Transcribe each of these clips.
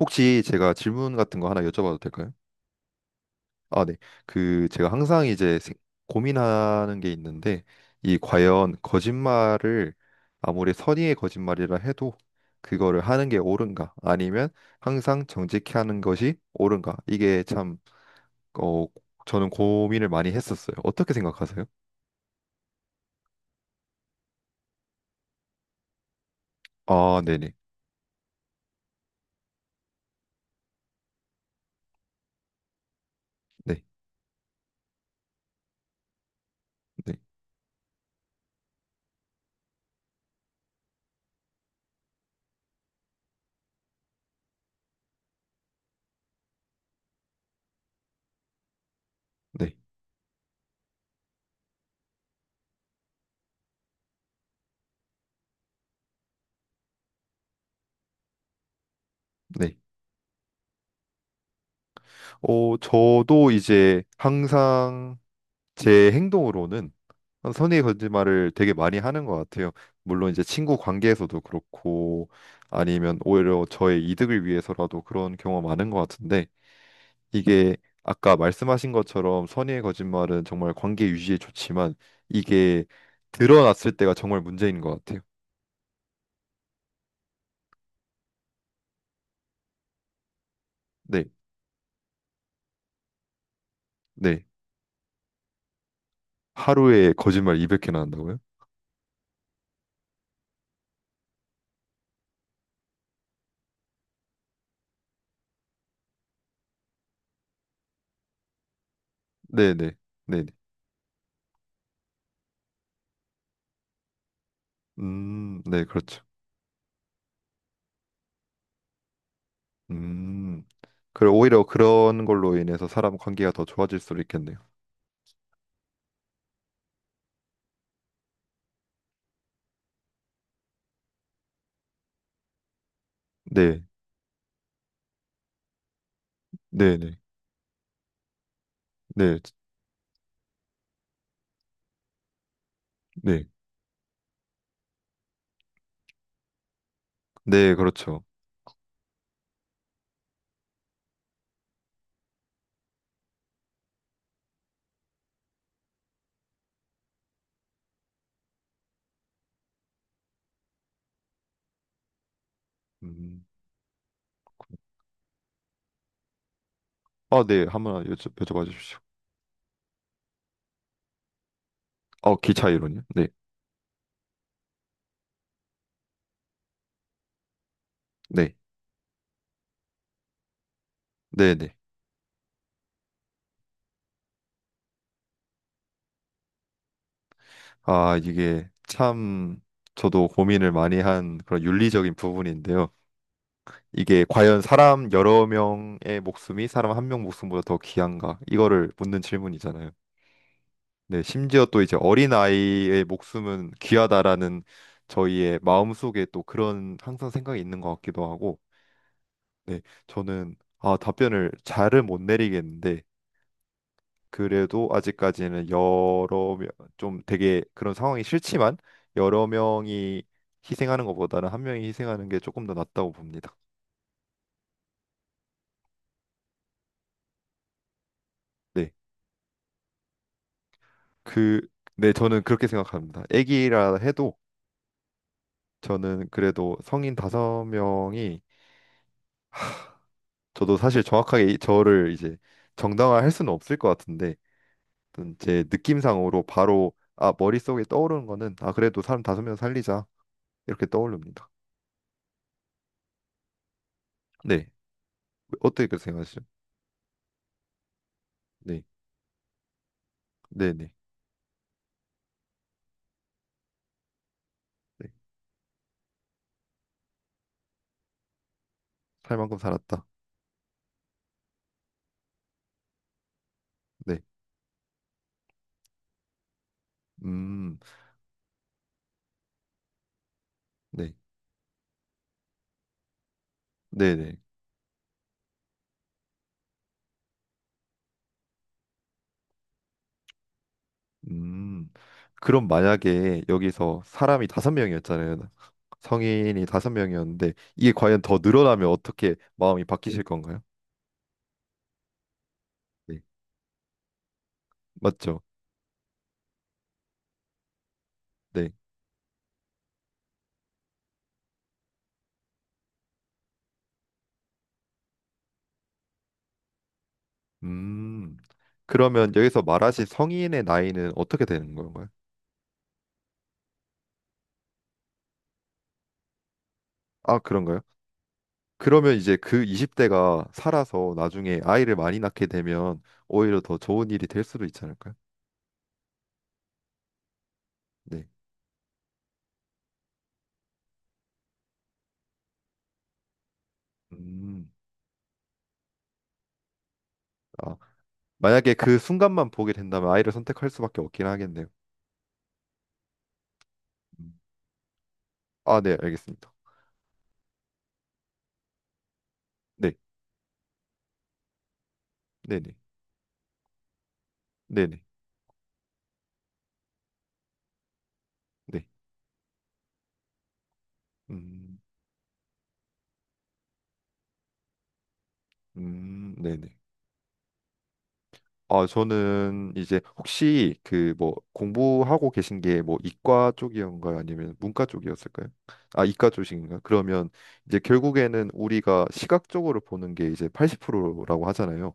혹시 제가 질문 같은 거 하나 여쭤봐도 될까요? 아, 네. 그 제가 항상 이제 고민하는 게 있는데 이 과연 거짓말을 아무리 선의의 거짓말이라 해도 그거를 하는 게 옳은가? 아니면 항상 정직히 하는 것이 옳은가? 이게 참 어, 저는 고민을 많이 했었어요. 어떻게 생각하세요? 아, 네네. 네. 네. 네. 네. 저도 이제 항상 제 행동으로는 한 선의의 거짓말을 되게 많이 하는 것 같아요. 물론 이제 친구 관계에서도 그렇고 아니면 오히려 저의 이득을 위해서라도 그런 경우가 많은 것 같은데 이게 아까 말씀하신 것처럼 선의의 거짓말은 정말 관계 유지에 좋지만 이게 드러났을 때가 정말 문제인 것 같아요. 네, 네. 하루에 거짓말 200개나 한다고요? 네, 네, 네. 네. 네, 그렇죠. 음. 그리고 오히려 그런 걸로 인해서 사람 관계가 더 좋아질 수도 있겠네요. 네, 네, 네, 네, 네, 네, 그렇죠. 음, 아, 네, 한번 여쭤봐 주십시오. 어, 기차 이론이요? 네, 네, 네, 네. 아, 이게 참 저도 고민을 많이 한 그런 윤리적인 부분인데요. 이게 과연 사람 여러 명의 목숨이 사람 한 명 목숨보다 더 귀한가? 이거를 묻는 질문이잖아요. 네, 심지어 또 이제 어린아이의 목숨은 귀하다라는 저희의 마음속에 또 그런 항상 생각이 있는 것 같기도 하고, 네, 저는 아, 답변을 잘은 못 내리겠는데 그래도 아직까지는 여러 명, 좀 되게 그런 상황이 싫지만 여러 명이 희생하는 것보다는 한 명이 희생하는 게 조금 더 낫다고 봅니다. 네, 그, 네, 저는 그렇게 생각합니다. 애기라 해도 저는 그래도 성인 다섯 명이 저도 사실 정확하게 저를 이제 정당화할 수는 없을 것 같은데 어떤 제 느낌상으로 바로 아, 머릿속에 떠오르는 거는 아, 그래도 사람 다섯 명 살리자 이렇게 떠오릅니다. 네. 어떻게 그렇게 생각하시죠? 네. 네, 네. 네. 살 만큼 살았다. 네. 음. 네. 네, 네. 음. 그럼 만약에 여기서 사람이 다섯 명이었잖아요. 성인이 다섯 명이었는데 이게 과연 더 늘어나면 어떻게 마음이 바뀌실 건가요? 네. 맞죠? 네. 음. 그러면 여기서 말하신 성인의 나이는 어떻게 되는 건가요? 아, 그런가요? 그러면 이제 그 20대가 살아서 나중에 아이를 많이 낳게 되면 오히려 더 좋은 일이 될 수도 있지 않을까요? 네. 음, 아, 만약에 그 순간만 보게 된다면 아이를 선택할 수밖에 없긴 하겠네요. 음, 아, 네, 알겠습니다. 네, 네, 네, 네, 네, 네, 음, 네, 네. 아, 저는 이제 혹시 그 뭐 공부하고 계신 게 뭐 이과 쪽이었는가요? 아니면 문과 쪽이었을까요? 아, 이과 쪽이신가요? 그러면 이제 결국에는 우리가 시각적으로 보는 게 이제 80%라고 하잖아요.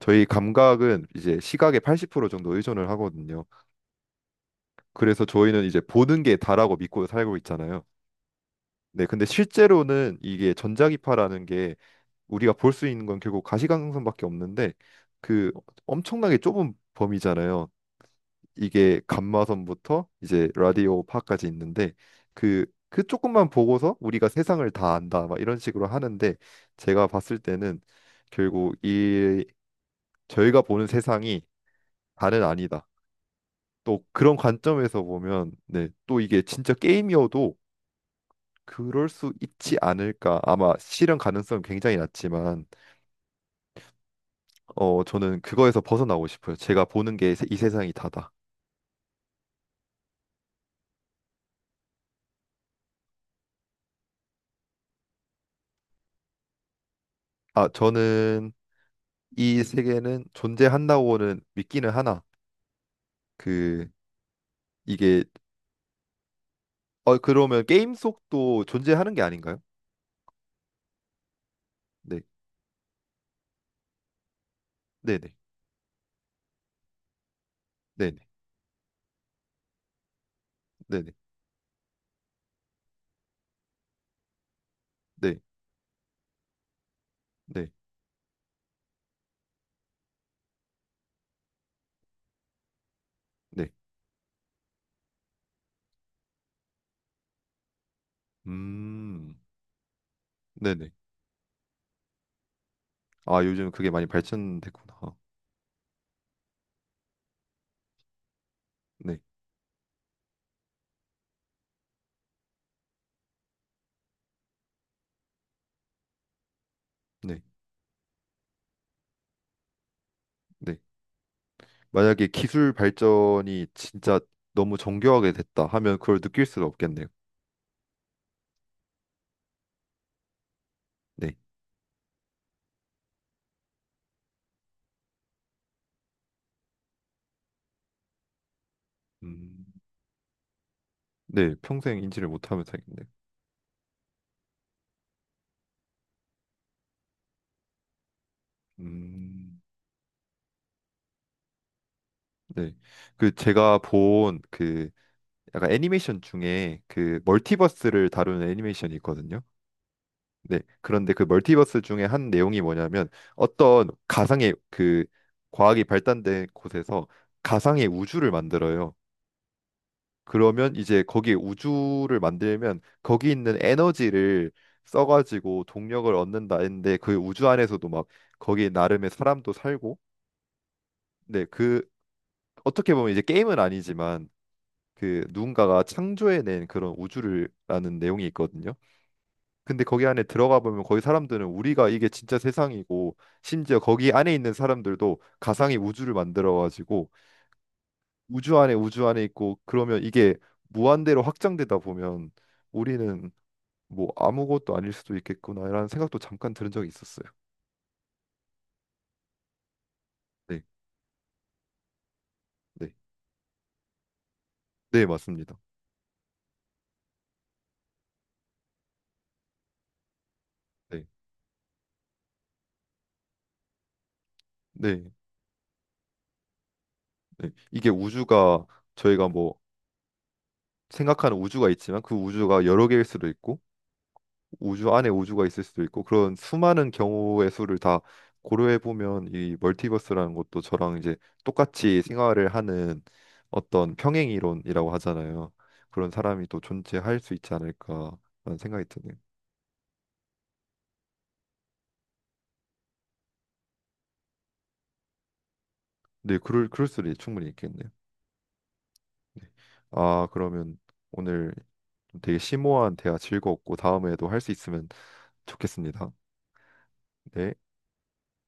저희 감각은 이제 시각의 80% 정도 의존을 하거든요. 그래서 저희는 이제 보는 게 다라고 믿고 살고 있잖아요. 네, 근데 실제로는 이게 전자기파라는 게 우리가 볼 수 있는 건 결국 가시광선밖에 없는데 그 엄청나게 좁은 범위잖아요. 이게 감마선부터 이제 라디오파까지 있는데 그 그 조금만 보고서 우리가 세상을 다 안다 막 이런 식으로 하는데 제가 봤을 때는 결국 이 저희가 보는 세상이 다는 아니다. 또 그런 관점에서 보면 네, 또 이게 진짜 게임이어도 그럴 수 있지 않을까. 아마 실현 가능성 은 굉장히 낮지만, 어, 저는 그거에서 벗어나고 싶어요. 제가 보는 게 이 세상이 다다. 아, 저는 이 세계는 존재한다고는 믿기는 하나. 그 이게 어 그러면 게임 속도 존재하는 게 아닌가요? 네, 네, 네, 네, 네, 네, 네, 네, 네. 음, 네, 네. 아, 요즘 그게 많이 발전됐구나. 네, 네, 네. 만약에 기술 발전이 진짜 너무 정교하게 됐다 하면 그걸 느낄 수가 없겠네요. 네. 음, 네, 평생 인지를 못하면 살겠네요. 음, 네. 그 제가 본 그 약간 애니메이션 중에 그 멀티버스를 다루는 애니메이션이 있거든요. 네. 그런데 그 멀티버스 중에 한 내용이 뭐냐면 어떤 가상의 그 과학이 발달된 곳에서 가상의 우주를 만들어요. 그러면 이제 거기에 우주를 만들면 거기 있는 에너지를 써가지고 동력을 얻는다 했는데 그 우주 안에서도 막 거기 나름의 사람도 살고 네, 그 어떻게 보면 이제 게임은 아니지만 그 누군가가 창조해낸 그런 우주를라는 내용이 있거든요. 근데 거기 안에 들어가 보면 거기 사람들은 우리가 이게 진짜 세상이고 심지어 거기 안에 있는 사람들도 가상의 우주를 만들어 가지고 우주 안에 우주 안에 있고 그러면 이게 무한대로 확장되다 보면 우리는 뭐 아무것도 아닐 수도 있겠구나라는 생각도 잠깐 들은 적이 있었어요. 네, 네, 네, 맞습니다. 네, 네, 네. 이게 우주가 저희가 뭐 생각하는 우주가 있지만 그 우주가 여러 개일 수도 있고 우주 안에 우주가 있을 수도 있고 그런 수많은 경우의 수를 다 고려해 보면 이 멀티버스라는 것도 저랑 이제 똑같이 생활을 하는 어떤 평행이론이라고 하잖아요. 그런 사람이 또 존재할 수 있지 않을까라는 생각이 드네요. 네, 그럴 수도 충분히 있겠네요. 네. 아, 그러면 오늘 좀 되게 심오한 대화 즐거웠고 다음에도 할 수 있으면 좋겠습니다. 네.